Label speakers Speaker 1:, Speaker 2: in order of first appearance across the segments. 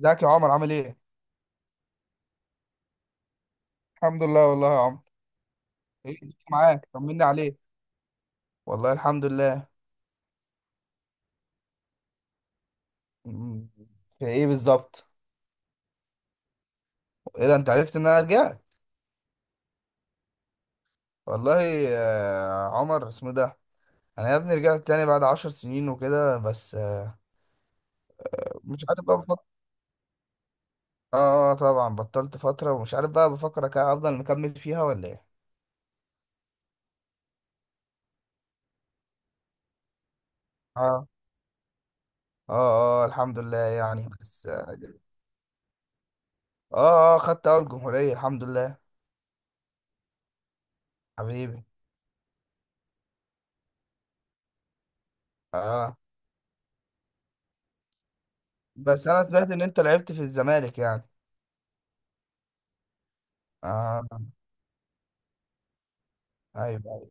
Speaker 1: ازيك يا عمر عامل ايه؟ الحمد لله والله يا عمر. ايه الدنيا معاك طمني عليك. والله الحمد لله. أمم، في ايه بالظبط؟ ايه ده انت عرفت ان انا رجعت؟ والله يا عمر اسمه ده. انا يا ابني رجعت تاني بعد 10 سنين وكده بس. مش عارف بقى بفكر. اه، طبعا بطلت فترة ومش عارف بقى بفكر افضل مكمل فيها ولا ايه؟ اه اه اه الحمد لله يعني بس اه، آه، خدت اول جمهورية الحمد لله. حبيبي. اه بس انا سمعت ان انت لعبت في الزمالك يعني. اه ايوه أيوة.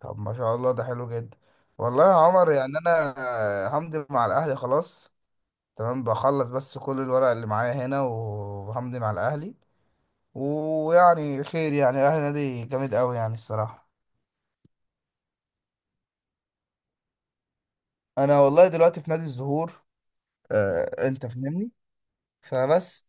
Speaker 1: طب ما شاء الله ده حلو جدا. والله يا عمر يعني انا همضي مع الاهلي خلاص. تمام بخلص بس كل الورق اللي معايا هنا وهمضي مع الاهلي. ويعني خير يعني الاهلي نادي جامد قوي يعني الصراحه. انا والله دلوقتي في نادي الزهور. انت فاهمني. فبس.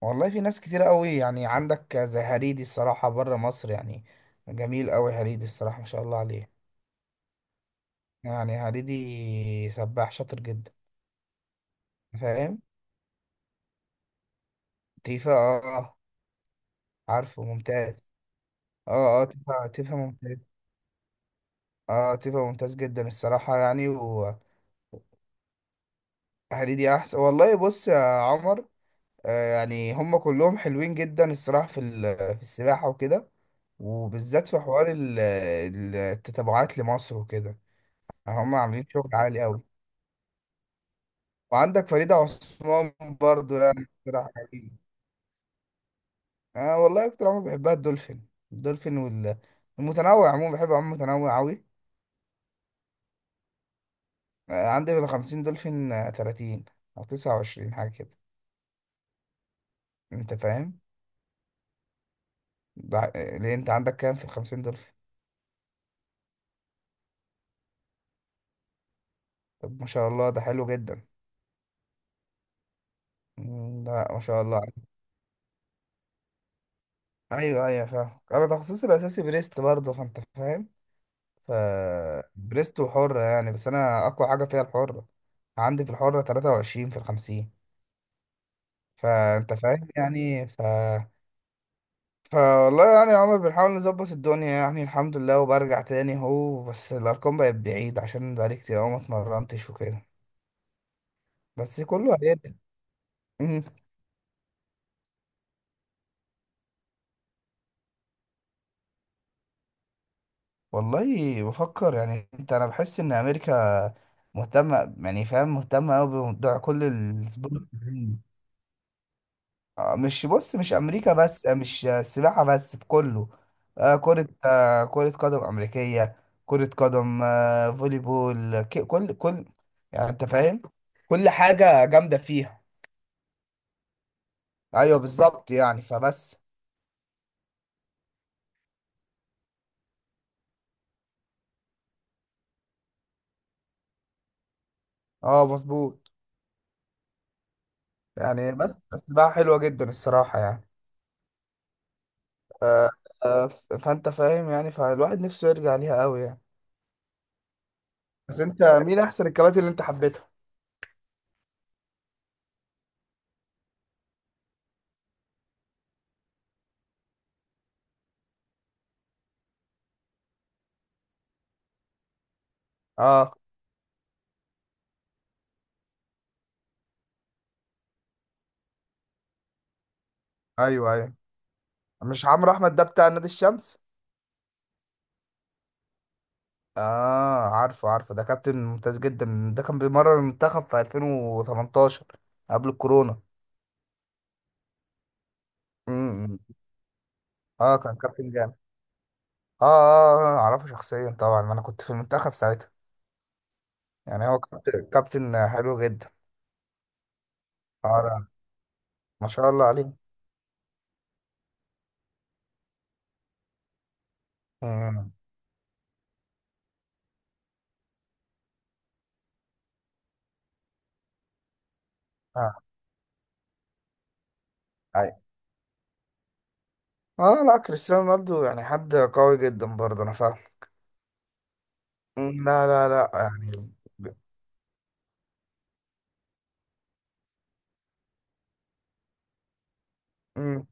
Speaker 1: والله في ناس كتير قوي يعني عندك زي هريدي الصراحه بره مصر يعني. جميل قوي هريدي الصراحه ما شاء الله عليه. يعني هريدي سباح شاطر جدا. فاهم. تيفا اه. عارفه ممتاز. اه اه تيفا تيفا ممتاز. اه تيفا ممتاز جدا الصراحة يعني وهريدي. احسن والله بص يا عمر. يعني هم كلهم حلوين جدا الصراحة في السباحة وكده. وبالذات في حوار التتابعات لمصر وكده. يعني هم عاملين شغل عالي قوي. وعندك فريدة عثمان. برضو يعني اقتراح حقيقي. اه والله اكتر عمر بحبها الدولفين الدولفين والمتنوع عموما بحب عموما متنوع قوي. عندي بال 50 دولفين، 30 او 29 حاجه كده. انت فاهم. ليه انت عندك كام في ال 50 دولفين؟ طب ما شاء الله ده حلو جدا. مم، لا ما شاء الله عليك. ايوه ايوه فاهم. انا تخصصي الاساسي بريست برضه فانت فاهم. ف بريست وحره يعني بس انا اقوى حاجه فيها الحره. عندي في الحره 23 في ال 50. فانت فاهم يعني. فوالله يعني يا عمر بنحاول نظبط الدنيا يعني الحمد لله وبرجع تاني اهو، بس الارقام بقت بعيد عشان بقالي كتير اوي ما اتمرنتش وكده. بس كله هيرجع. مم. والله بفكر يعني، انت انا بحس ان امريكا مهتمة يعني فاهم، مهتمة اوي بموضوع كل السبورت. مش بص، مش امريكا بس، مش آه، السباحه بس، في كله. كره كره قدم امريكيه. كره قدم، فولي بول، كل كل. يعني انت فاهم. كل حاجه جامده فيها. ايوه بالظبط يعني فبس. اه مظبوط. يعني بس بقى حلوه جدا الصراحه يعني. آه، فانت فاهم يعني فالواحد نفسه يرجع ليها قوي يعني. بس انت مين احسن الكباتن اللي انت حبيتها؟ اه ايوه ايوه. مش عمرو احمد ده بتاع نادي الشمس؟ اه عارفه عارفه، ده كابتن ممتاز جدا، ده كان بيمرن المنتخب في 2018 قبل الكورونا. امم. اه كان كابتن جامد. اه اه، اعرفه شخصيا طبعا، ما انا كنت في المنتخب ساعتها. يعني هو كابتن كابتن حلو جدا. اه لا ما شاء الله عليه. امم. اه أيوة. اه لا كريستيانو رونالدو يعني حد قوي جدا برضه، انا فاهم. مم، لا لا لا يعني. امم.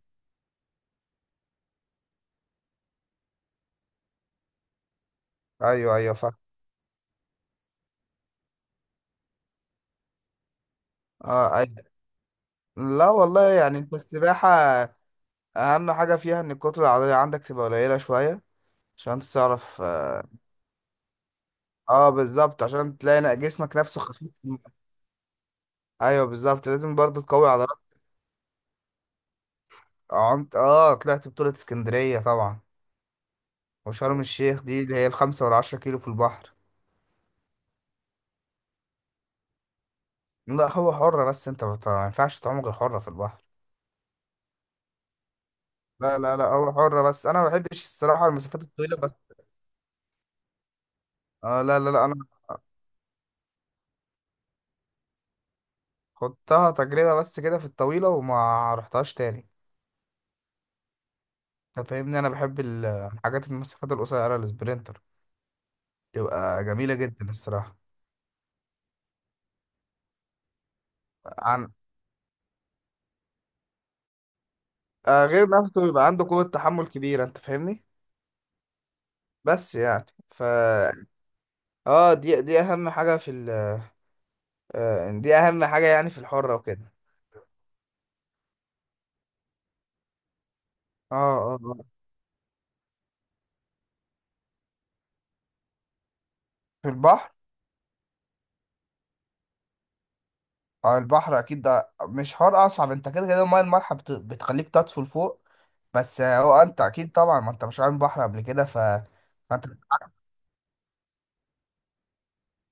Speaker 1: ايوه ايوه فاهم. اه ايوه. لا والله يعني في السباحة اهم حاجه فيها ان الكتله العضليه عندك تبقى قليله شويه عشان انت تعرف، اه. بالظبط عشان تلاقي جسمك نفسه خفيف. ايوه بالظبط، لازم برضه تقوي عضلات. عمت، اه، طلعت بطوله اسكندريه طبعا. وشرم الشيخ دي اللي هي ال5 وال10 كيلو في البحر. لا هو حرة بس، انت ما ينفعش تعوم غير حرة في البحر. لا لا لا، هو حرة بس انا ما بحبش الصراحة المسافات الطويلة بس. اه لا لا لا، انا خدتها تجربة بس كده في الطويلة وما رحتهاش تاني. انت فاهمني، انا بحب الحاجات، المسافات القصيرة السبرنت تبقى جميلة جدا الصراحة. عن آه غير نفسه بيبقى عنده قوة تحمل كبيرة، انت فاهمني. بس يعني. اه دي اهم حاجة في ال، دي اهم حاجة يعني في الحرة وكده. اه اه، في البحر. اه البحر اكيد ده مش حوار اصعب، انت كده كده المايه المالحه بتخليك تطفو لفوق. بس، هو انت اكيد طبعا ما انت مش عامل بحر قبل كده. فانت،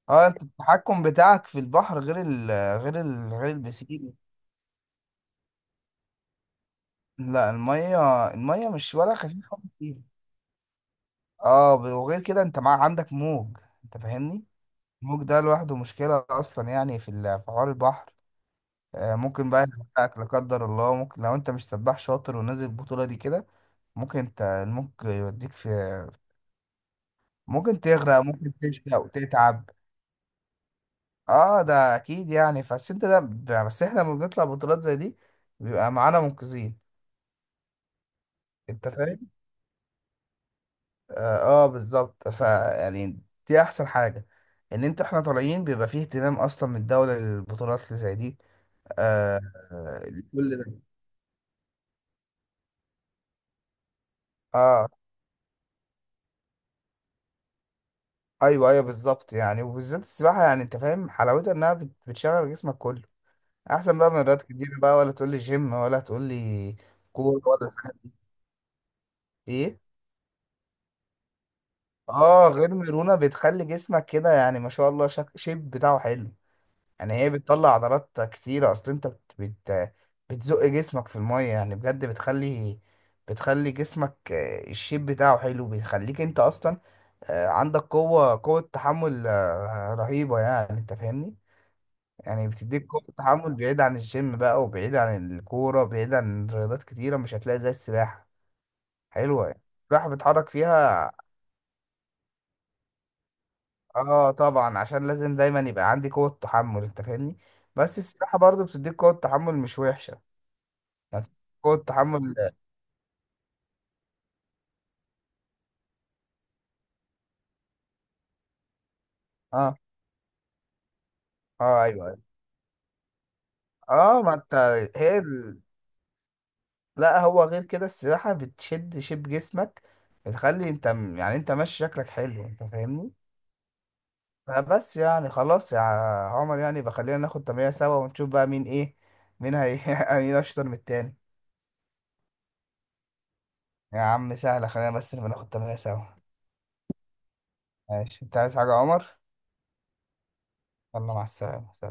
Speaker 1: اه، انت التحكم بتاعك في البحر غير ال، غير ال غير البسين. لا الميه الميه مش ولا خفيفه. اه، وغير كده انت مع عندك موج. انت فاهمني. الموج ده لوحده مشكلة اصلا يعني في حوار البحر. ممكن بقى يوقعك لا قدر الله، ممكن لو انت مش سباح شاطر ونازل البطولة دي كده ممكن انت الموج يوديك في. ممكن تغرق، ممكن تشقى وتتعب. اه ده اكيد يعني، بس انت ده ب- بس احنا لما بنطلع بطولات زي دي بيبقى معانا منقذين. انت فاهم. اه، بالظبط ف يعني، دي احسن حاجة، ان انت احنا طالعين بيبقى فيه اهتمام اصلا من الدولة للبطولات اللي زي دي. آه كل ده. اه ايوه ايوه بالظبط يعني، وبالذات السباحه يعني انت فاهم حلاوتها، انها بتشغل جسمك كله. احسن بقى من رياضات كتير بقى، ولا تقول لي جيم ولا تقول لي كوره ولا حاجه. ايه. اه غير ميرونه بتخلي جسمك كده، يعني ما شاء الله، شيب بتاعه حلو. يعني هي بتطلع عضلات كتيرة، اصل انت بتزق جسمك في المية، يعني بجد بتخلي. بتخلي جسمك، الشيب بتاعه حلو بيخليك انت اصلا، عندك قوة تحمل، رهيبة، يعني انت فاهمني. يعني بتديك قوة تحمل بعيد عن الجيم بقى وبعيد عن الكورة، بعيد عن رياضات كتيرة، مش هتلاقي زي السباحة حلوة يعني. السباحة بتحرك فيها. اه طبعا عشان لازم دايما يبقى عندي قوة تحمل، انت فاهمني. بس السباحة برضو بتديك قوة تحمل مش وحشة. كود تحمل. اه اه ايوه ايوه. اه ما انت. هي ال... لا هو غير كده السباحة بتشد شيب جسمك، بتخلي انت يعني انت ماشي شكلك حلو، انت فاهمني. فبس يعني خلاص يا عمر، يعني بخلينا ناخد تمرين سوا ونشوف بقى مين ايه، مين هي مين اشطر من التاني. يا عم سهلة، خلينا بس نبقى ناخد تمرين سوا. ماشي. انت عايز حاجة يا عمر؟ يلا مع السلامة.